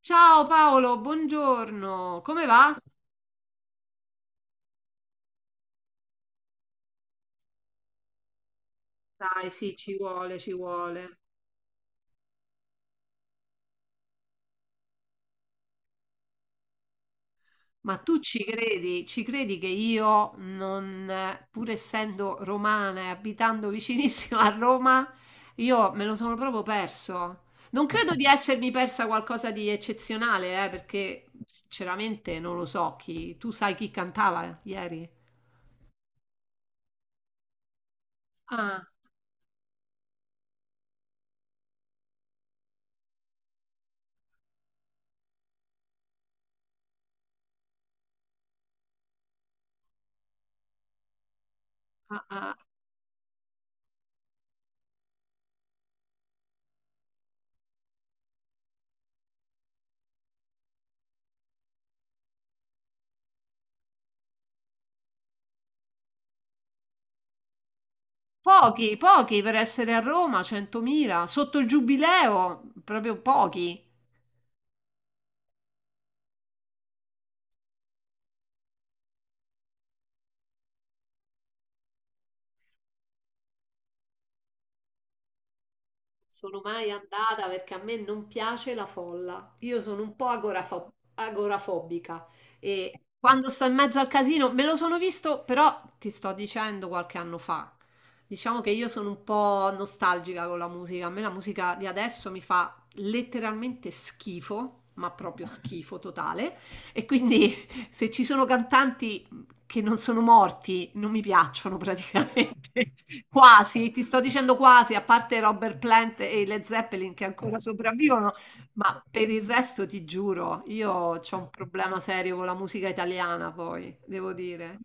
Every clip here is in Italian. Ciao Paolo, buongiorno. Come va? Dai, sì, ci vuole, ci vuole. Ma tu ci credi? Ci credi che io non, pur essendo romana e abitando vicinissimo a Roma, io me lo sono proprio perso. Non credo di essermi persa qualcosa di eccezionale, perché sinceramente non lo so chi. Tu sai chi cantava ieri? Ah, ah, ah. Pochi, pochi per essere a Roma, 100.000, sotto il giubileo, proprio pochi. Sono mai andata perché a me non piace la folla. Io sono un po' agorafobica e quando sto in mezzo al casino me lo sono visto, però ti sto dicendo qualche anno fa. Diciamo che io sono un po' nostalgica con la musica. A me la musica di adesso mi fa letteralmente schifo, ma proprio schifo totale. E quindi se ci sono cantanti che non sono morti non mi piacciono praticamente. Quasi, ti sto dicendo quasi, a parte Robert Plant e le Zeppelin che ancora sopravvivono, ma per il resto ti giuro, io ho un problema serio con la musica italiana, poi, devo dire.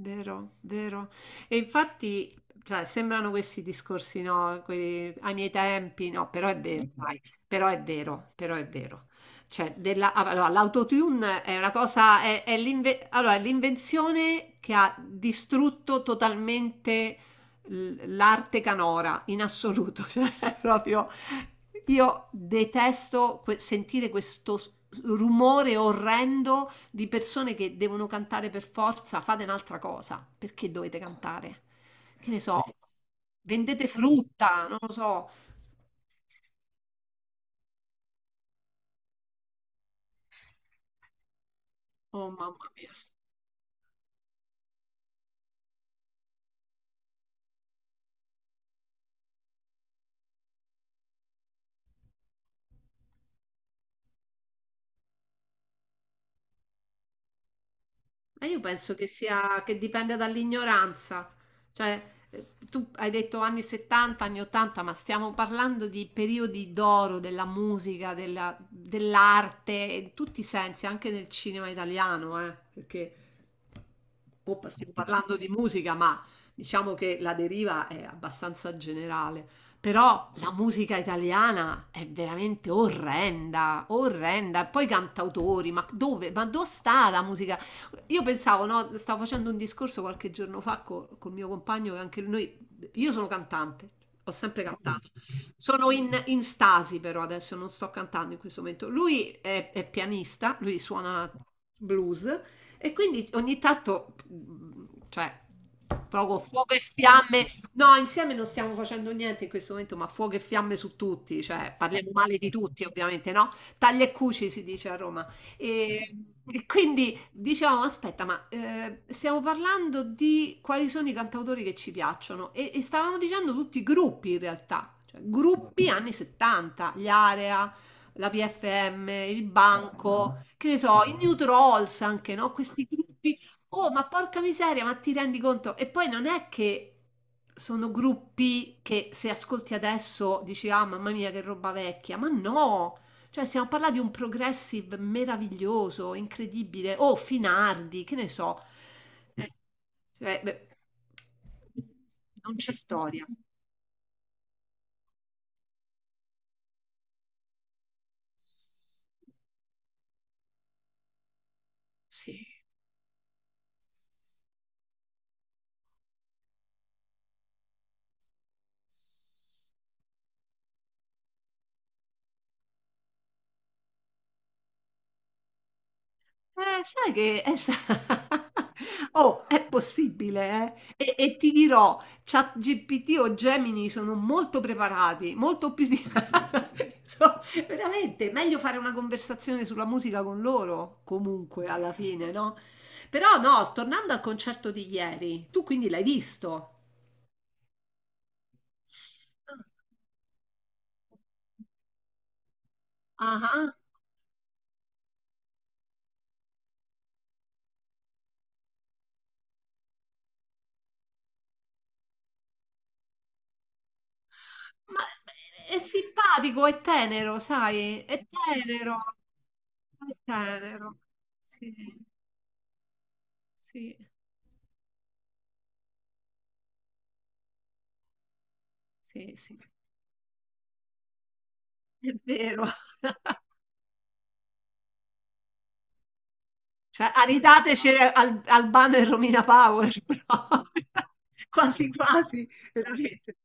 Vero, vero. E infatti, cioè, sembrano questi discorsi, no? Quelli, ai miei tempi, no, però è vero, dai, però è vero, però è vero. Cioè, della, ah, allora, l'autotune è una cosa, è l'invenzione che ha distrutto totalmente l'arte canora, in assoluto. Cioè, è proprio, io detesto sentire questo rumore orrendo di persone che devono cantare per forza, fate un'altra cosa. Perché dovete cantare? Che ne so. Sì, vendete frutta, non lo so. Oh mamma mia. Ma io penso che sia, che dipende dall'ignoranza. Cioè, tu hai detto anni 70, anni 80, ma stiamo parlando di periodi d'oro della musica, dell'arte, in tutti i sensi, anche nel cinema italiano, perché oh, stiamo parlando di musica, ma diciamo che la deriva è abbastanza generale. Però la musica italiana è veramente orrenda, orrenda. Poi cantautori, ma dove sta la musica? Io pensavo, no, stavo facendo un discorso qualche giorno fa col mio compagno, che anche lui, io sono cantante, ho sempre cantato, sono in stasi però adesso, non sto cantando in questo momento. Lui è pianista, lui suona blues e quindi ogni tanto, cioè, poco fuoco e fiamme, no, insieme non stiamo facendo niente in questo momento, ma fuoco e fiamme su tutti, cioè parliamo male di tutti ovviamente, no? Taglia e cuci si dice a Roma. E, e quindi dicevamo, aspetta, ma stiamo parlando di quali sono i cantautori che ci piacciono e stavamo dicendo tutti i gruppi in realtà, cioè gruppi anni 70, gli Area, la PFM, il Banco, che ne so, i New Trolls anche, no? Questi gruppi. Oh, ma porca miseria, ma ti rendi conto? E poi non è che sono gruppi che se ascolti adesso dici, ah, mamma mia, che roba vecchia, ma no, cioè, stiamo parlando di un progressive meraviglioso, incredibile, o Finardi, che ne so. Eh, cioè, beh, non c'è storia. Sì. Sai che è Oh, è possibile, eh? E ti dirò, ChatGPT o Gemini sono molto preparati, molto più di... So, veramente, meglio fare una conversazione sulla musica con loro, comunque, alla fine, no? Però no, tornando al concerto di ieri, tu quindi l'hai visto? Ah, ah. Ma è simpatico, è tenero, sai? È tenero, è tenero. Sì. Sì, sì, sì, è vero. Cioè, aridateci Albano e Romina Power, però. Quasi quasi, veramente.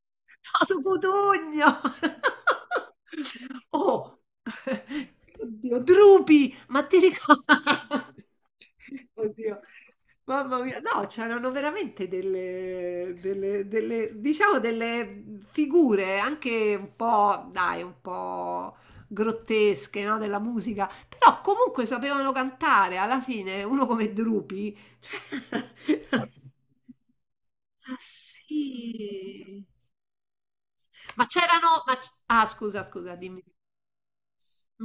Toto Cutugno! Oh, oddio, Drupi, ma ti ricordi? Oddio, mamma mia, no, c'erano veramente delle figure anche un po', dai, un po'. Grottesche, no, della musica, però comunque sapevano cantare alla fine, uno come Drupi. Cioè... Ah, sì. Ma c'erano... Ah, scusa, scusa, dimmi.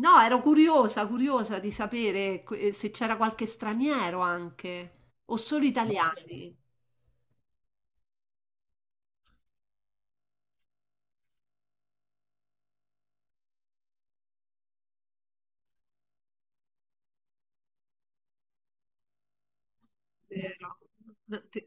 No, ero curiosa, curiosa di sapere se c'era qualche straniero anche, o solo italiani. Vero. No,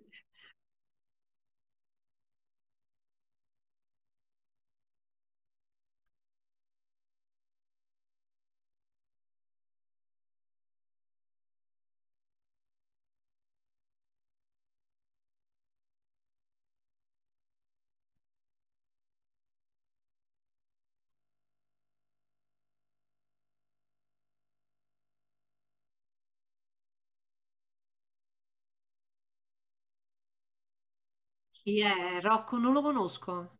Chi è? Rocco? Non lo conosco.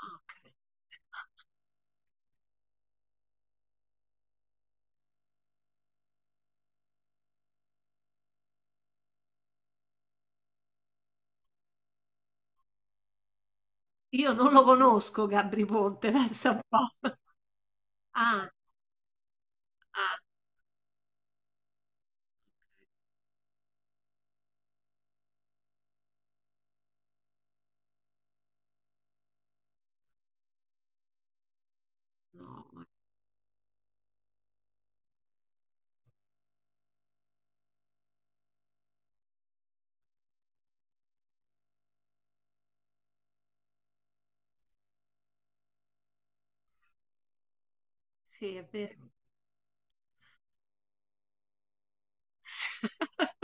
Ah, ok. Io non lo conosco, Gabri Ponte, pensa un po'. Ah, ah. No, sì, è vero.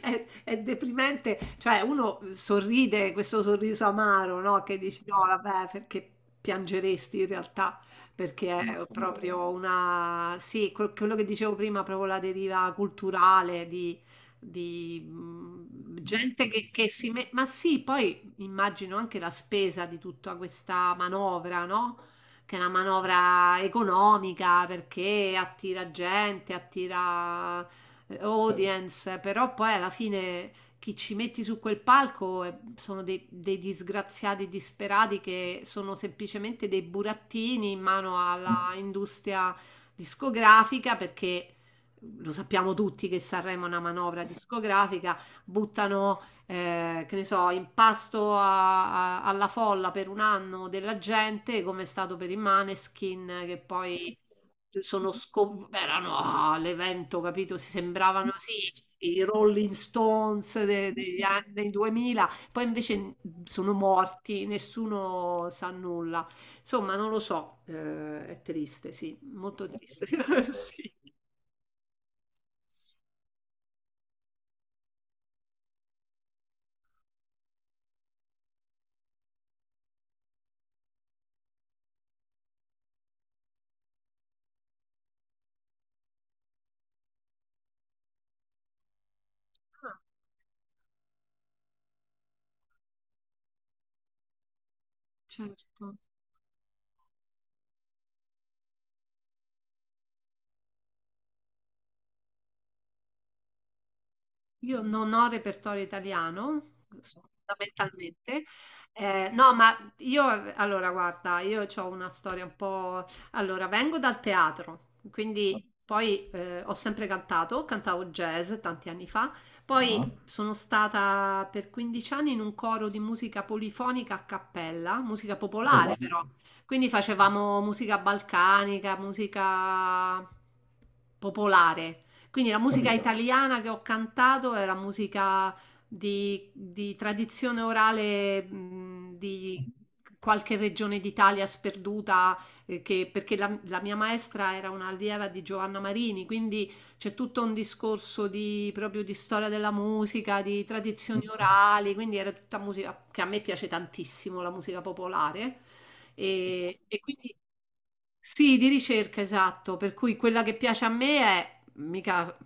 È deprimente, cioè uno sorride questo sorriso amaro, no? Che dici no, vabbè, perché piangeresti in realtà, perché ma è sì, proprio una, sì, quello che dicevo prima, proprio la deriva culturale di, gente che si mette, ma sì, poi immagino anche la spesa di tutta questa manovra, no? Che è una manovra economica perché attira gente, attira audience, però poi alla fine chi ci metti su quel palco sono dei disgraziati disperati che sono semplicemente dei burattini in mano alla industria discografica perché lo sappiamo tutti che Sanremo è una manovra discografica, buttano che ne so, impasto alla folla per un anno della gente, come è stato per i Maneskin, che poi sono erano ah, l'evento, capito? Si sembravano sì, i Rolling Stones degli anni 2000, poi invece sono morti, nessuno sa nulla. Insomma, non lo so, è triste, sì, molto triste. Sì. Ah, certo. Io non ho repertorio italiano, so, fondamentalmente. No, ma io, allora, guarda, io ho una storia un po'... Allora, vengo dal teatro, quindi poi ho sempre cantato, cantavo jazz tanti anni fa, ah, poi ah, sono stata per 15 anni in un coro di musica polifonica a cappella, musica oh, popolare wow. Però, quindi facevamo musica balcanica, musica popolare. Quindi la musica, capito? Italiana che ho cantato era musica di tradizione orale, di qualche regione d'Italia sperduta, perché la mia maestra era una allieva di Giovanna Marini, quindi c'è tutto un discorso di, proprio di storia della musica, di tradizioni orali, quindi era tutta musica che a me piace tantissimo, la musica popolare. E quindi sì, di ricerca, esatto, per cui quella che piace a me è mica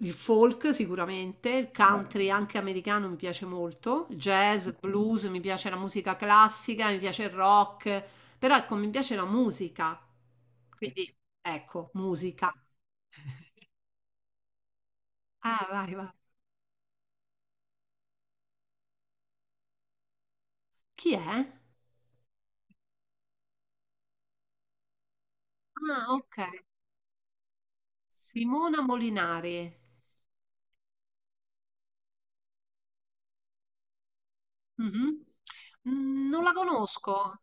il folk sicuramente, il beh, country anche americano mi piace molto, il jazz, blues, mi piace la musica classica, mi piace il rock, però ecco, mi piace la musica. Quindi ecco, musica. Ah, vai, vai. Chi è? Ah, ok. Simona Molinari. Mhm. Mm, non la conosco.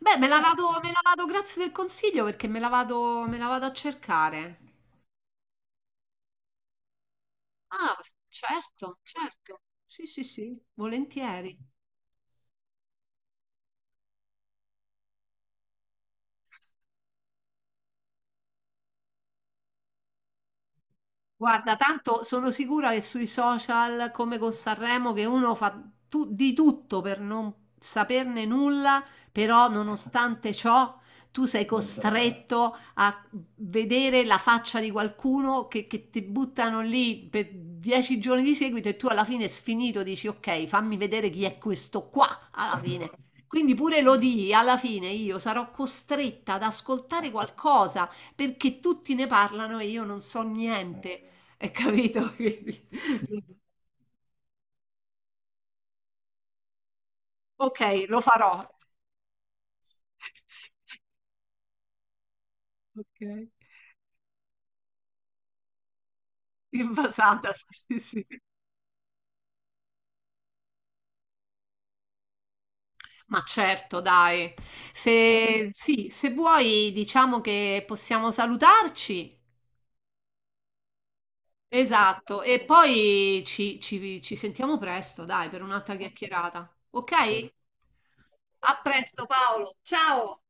Beh, me la vado, grazie del consiglio perché me la vado a cercare. Ah, certo, certo. Sì, sì, sì, volentieri. Guarda, tanto sono sicura che sui social, come con Sanremo, che uno fa di tutto per non saperne nulla, però nonostante ciò tu sei costretto a vedere la faccia di qualcuno che ti buttano lì per 10 giorni di seguito e tu alla fine sfinito dici ok, fammi vedere chi è questo qua alla fine. Quindi pure lo di, alla fine io sarò costretta ad ascoltare qualcosa perché tutti ne parlano e io non so niente. Hai capito? Quindi, ok, lo farò. Ok. Invasata, sì, sì, sì. Ma certo, dai. Se, sì, se vuoi, diciamo che possiamo salutarci. Esatto, e poi ci sentiamo presto, dai, per un'altra chiacchierata. Ok? A presto, Paolo. Ciao.